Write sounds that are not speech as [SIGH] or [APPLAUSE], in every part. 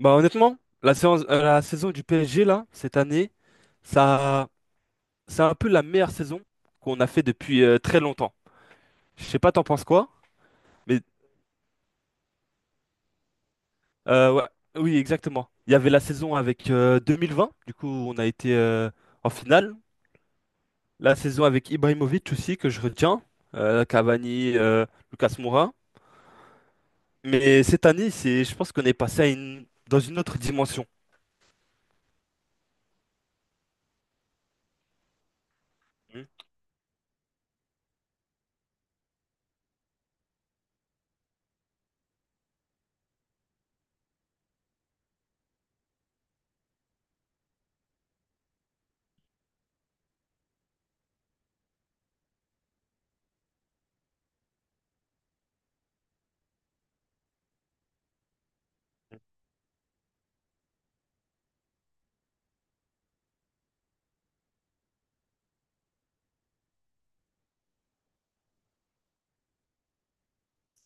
Bah honnêtement, la saison du PSG là, cette année, ça, c'est un peu la meilleure saison qu'on a fait depuis très longtemps. Je sais pas, t'en penses quoi? Mais euh, ouais, oui, exactement. Il y avait la saison avec 2020, du coup on a été en finale. La saison avec Ibrahimovic aussi que je retiens, Cavani, Lucas Moura. Mais cette année, je pense qu'on est passé dans une autre dimension. Hmm.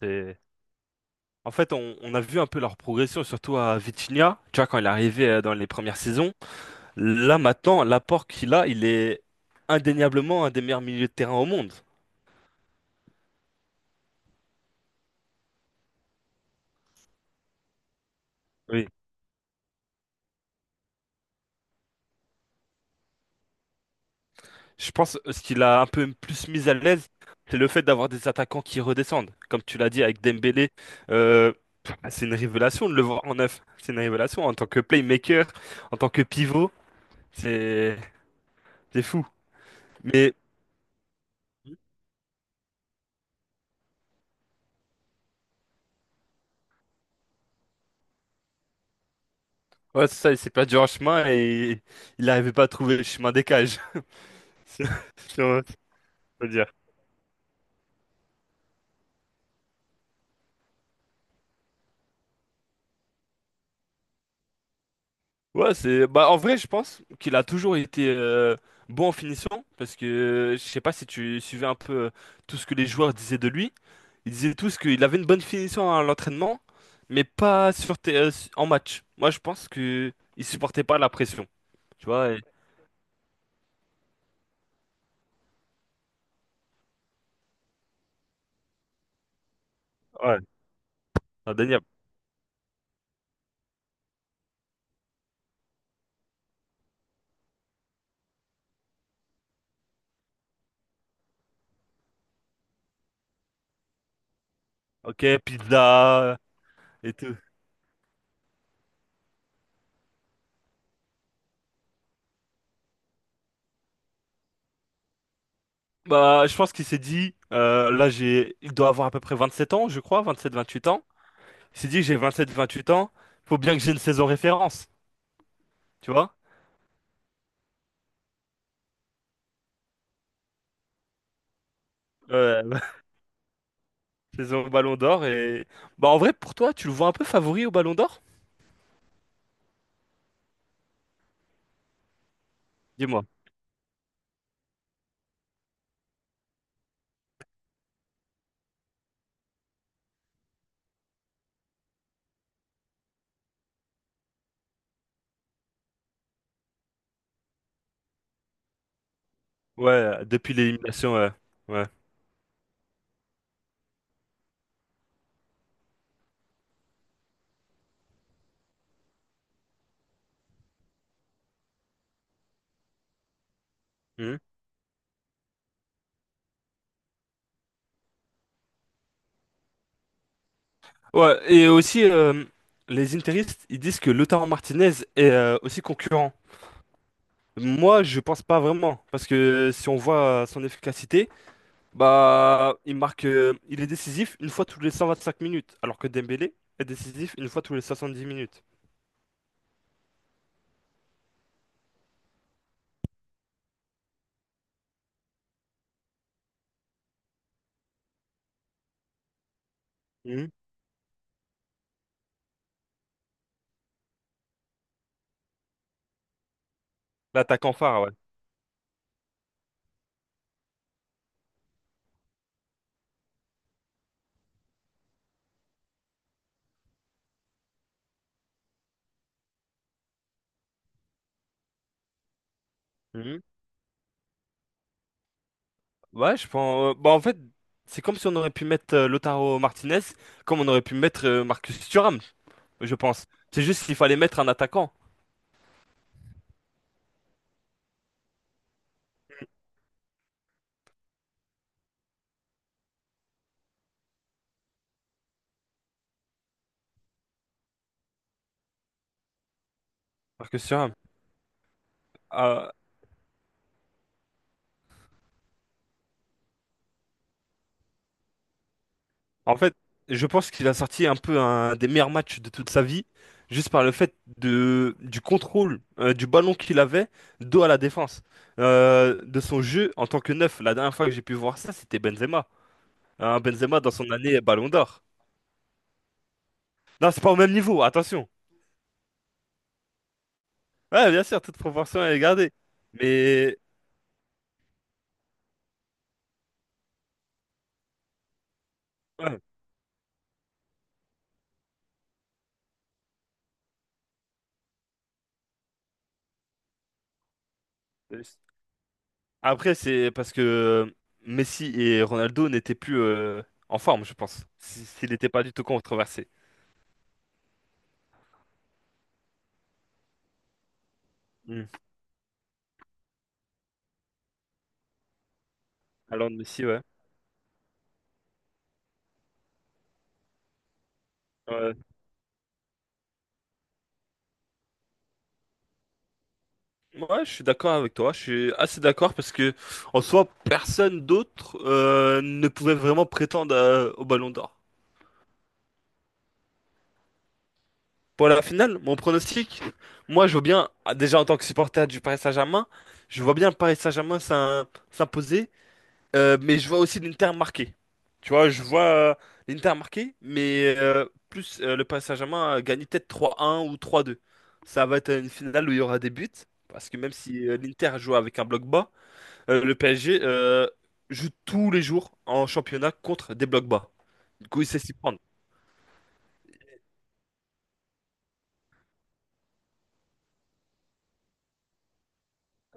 C'est En fait, on a vu un peu leur progression, surtout à Vitinha. Tu vois, quand il est arrivé dans les premières saisons, là maintenant, l'apport qu'il a, il est indéniablement un des meilleurs milieux de terrain au monde. Oui. Je pense ce qu'il a un peu plus mis à l'aise, c'est le fait d'avoir des attaquants qui redescendent. Comme tu l'as dit avec Dembélé, euh, c'est une révélation de le voir en neuf. C'est une révélation en tant que playmaker, en tant que pivot, c'est c'est fou. Mais ouais, c'est ça, il s'est perdu en chemin et il n'arrivait pas à trouver le chemin des cages. C'est- [LAUGHS] Sûrement, tu peux dire. Ouais, c'est bah en vrai, je pense qu'il a toujours été bon en finition parce que je sais pas si tu suivais un peu tout ce que les joueurs disaient de lui. Ils disaient tous qu'il avait une bonne finition à l'entraînement, mais pas sur tes- su- en match. Moi, je pense que il supportait pas la pression, tu vois. Ouais, indéniable. Ok, pizza et tout. Bah, je pense qu'il s'est dit là j'ai il doit avoir à peu près 27 ans, je crois, 27-28 ans. Il s'est dit, j'ai 27, 28 ans, faut bien que j'ai une saison référence, tu vois? Euh, [LAUGHS] saison Ballon d'Or et... Bah, en vrai, pour toi, tu le vois un peu favori au Ballon d'Or? Dis-moi. Ouais, depuis l'élimination, ouais. Ouais. Mhm. Ouais, et aussi, les interistes, ils disent que Lautaro Martinez est aussi concurrent. Moi, je pense pas vraiment, parce que si on voit son efficacité, bah, il marque, il est décisif une fois tous les 125 minutes, alors que Dembélé est décisif une fois tous les 70 minutes. Mmh. L'attaquant phare, ouais. Mhm. Ouais, je pense. Bah, en fait, c'est comme si on aurait pu mettre Lautaro Martinez, comme on aurait pu mettre Marcus Thuram, je pense. C'est juste qu'il fallait mettre un attaquant, Marcus Thuram. Euh, en fait, je pense qu'il a sorti un peu un des meilleurs matchs de toute sa vie, juste par le fait du contrôle du ballon qu'il avait, dos à la défense, de son jeu en tant que neuf. La dernière fois que j'ai pu voir ça, c'était Benzema. Hein, Benzema dans son année Ballon d'Or. Non, c'est pas au même niveau, attention. Ouais, bien sûr, toute proportion à garder. Mais ouais. euh, Après, c'est parce que Messi et Ronaldo n'étaient plus en forme, je pense. S'il n'était pas du tout controversé. Hmm. Alors, Messi, ouais. Ouais, Ouais, je suis d'accord avec toi. Je suis assez d'accord parce que, en soi, personne d'autre ne pouvait vraiment prétendre au Ballon d'Or. Pour la finale, mon pronostic, moi, je vois bien, ah, déjà en tant que supporter du Paris Saint-Germain, je vois bien le Paris Saint-Germain s'imposer. Mais je vois aussi l'Inter marqué. Tu vois, je vois l'Inter marqué, mais plus le Paris Saint-Germain gagner peut-être 3-1 ou 3-2. Ça va être une finale où il y aura des buts, parce que même si l'Inter joue avec un bloc bas, le PSG joue tous les jours en championnat contre des blocs bas. Du coup, il sait s'y prendre.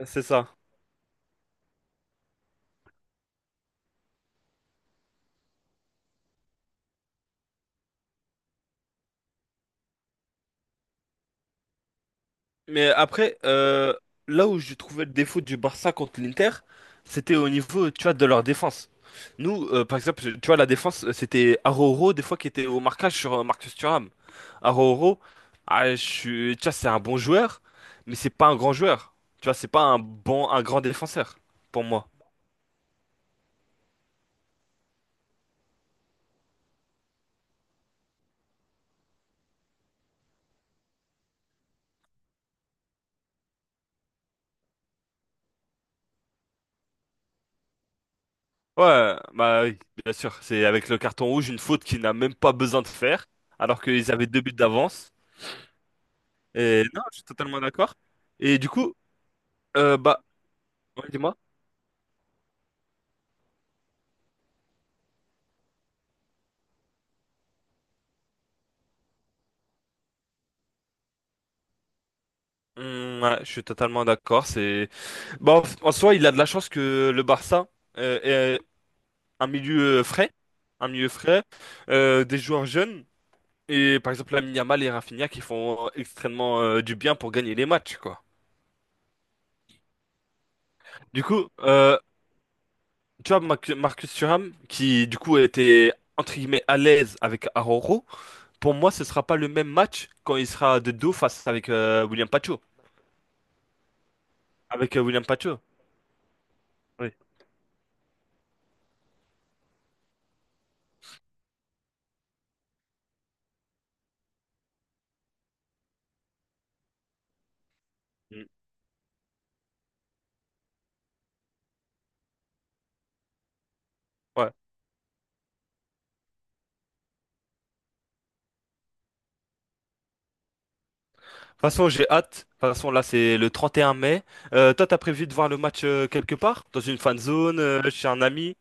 C'est ça. Mais après, là où je trouvais le défaut du Barça contre l'Inter, c'était au niveau, tu vois, de leur défense. Nous, par exemple, tu vois, la défense, c'était Araujo, des fois, qui était au marquage sur Marcus Thuram. Araujo, tu vois, c'est un bon joueur, mais c'est pas un grand joueur. Tu vois, c'est pas un grand défenseur, pour moi. Ouais, bah oui, bien sûr. C'est avec le carton rouge, une faute qu'il n'a même pas besoin de faire, alors qu'ils avaient 2 buts d'avance. Et non, je suis totalement d'accord. Et du coup, euh, bah, Ouais, dis-moi. Ouais, je suis totalement d'accord. C'est bah, en en soi, il a de la chance que le Barça euh, ait un milieu frais, un milieu frais, des joueurs jeunes et par exemple Lamine Yamal et Rafinha qui font extrêmement du bien pour gagner les matchs, quoi. Du coup, tu vois Marcus Thuram qui du coup était entre guillemets à l'aise avec Araujo. Pour moi, ce sera pas le même match quand il sera de dos face avec William Pacho. Avec euh, William Pacho. Oui. Mm. Ouais. De toute façon, j'ai hâte. De toute façon, là, c'est le 31 mai. Toi, t'as prévu de voir le match quelque part? Dans une fan zone, chez un ami?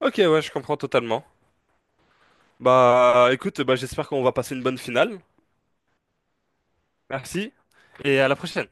Ok, ouais, je comprends totalement. Bah, écoute, bah, j'espère qu'on va passer une bonne finale. Merci et à la prochaine.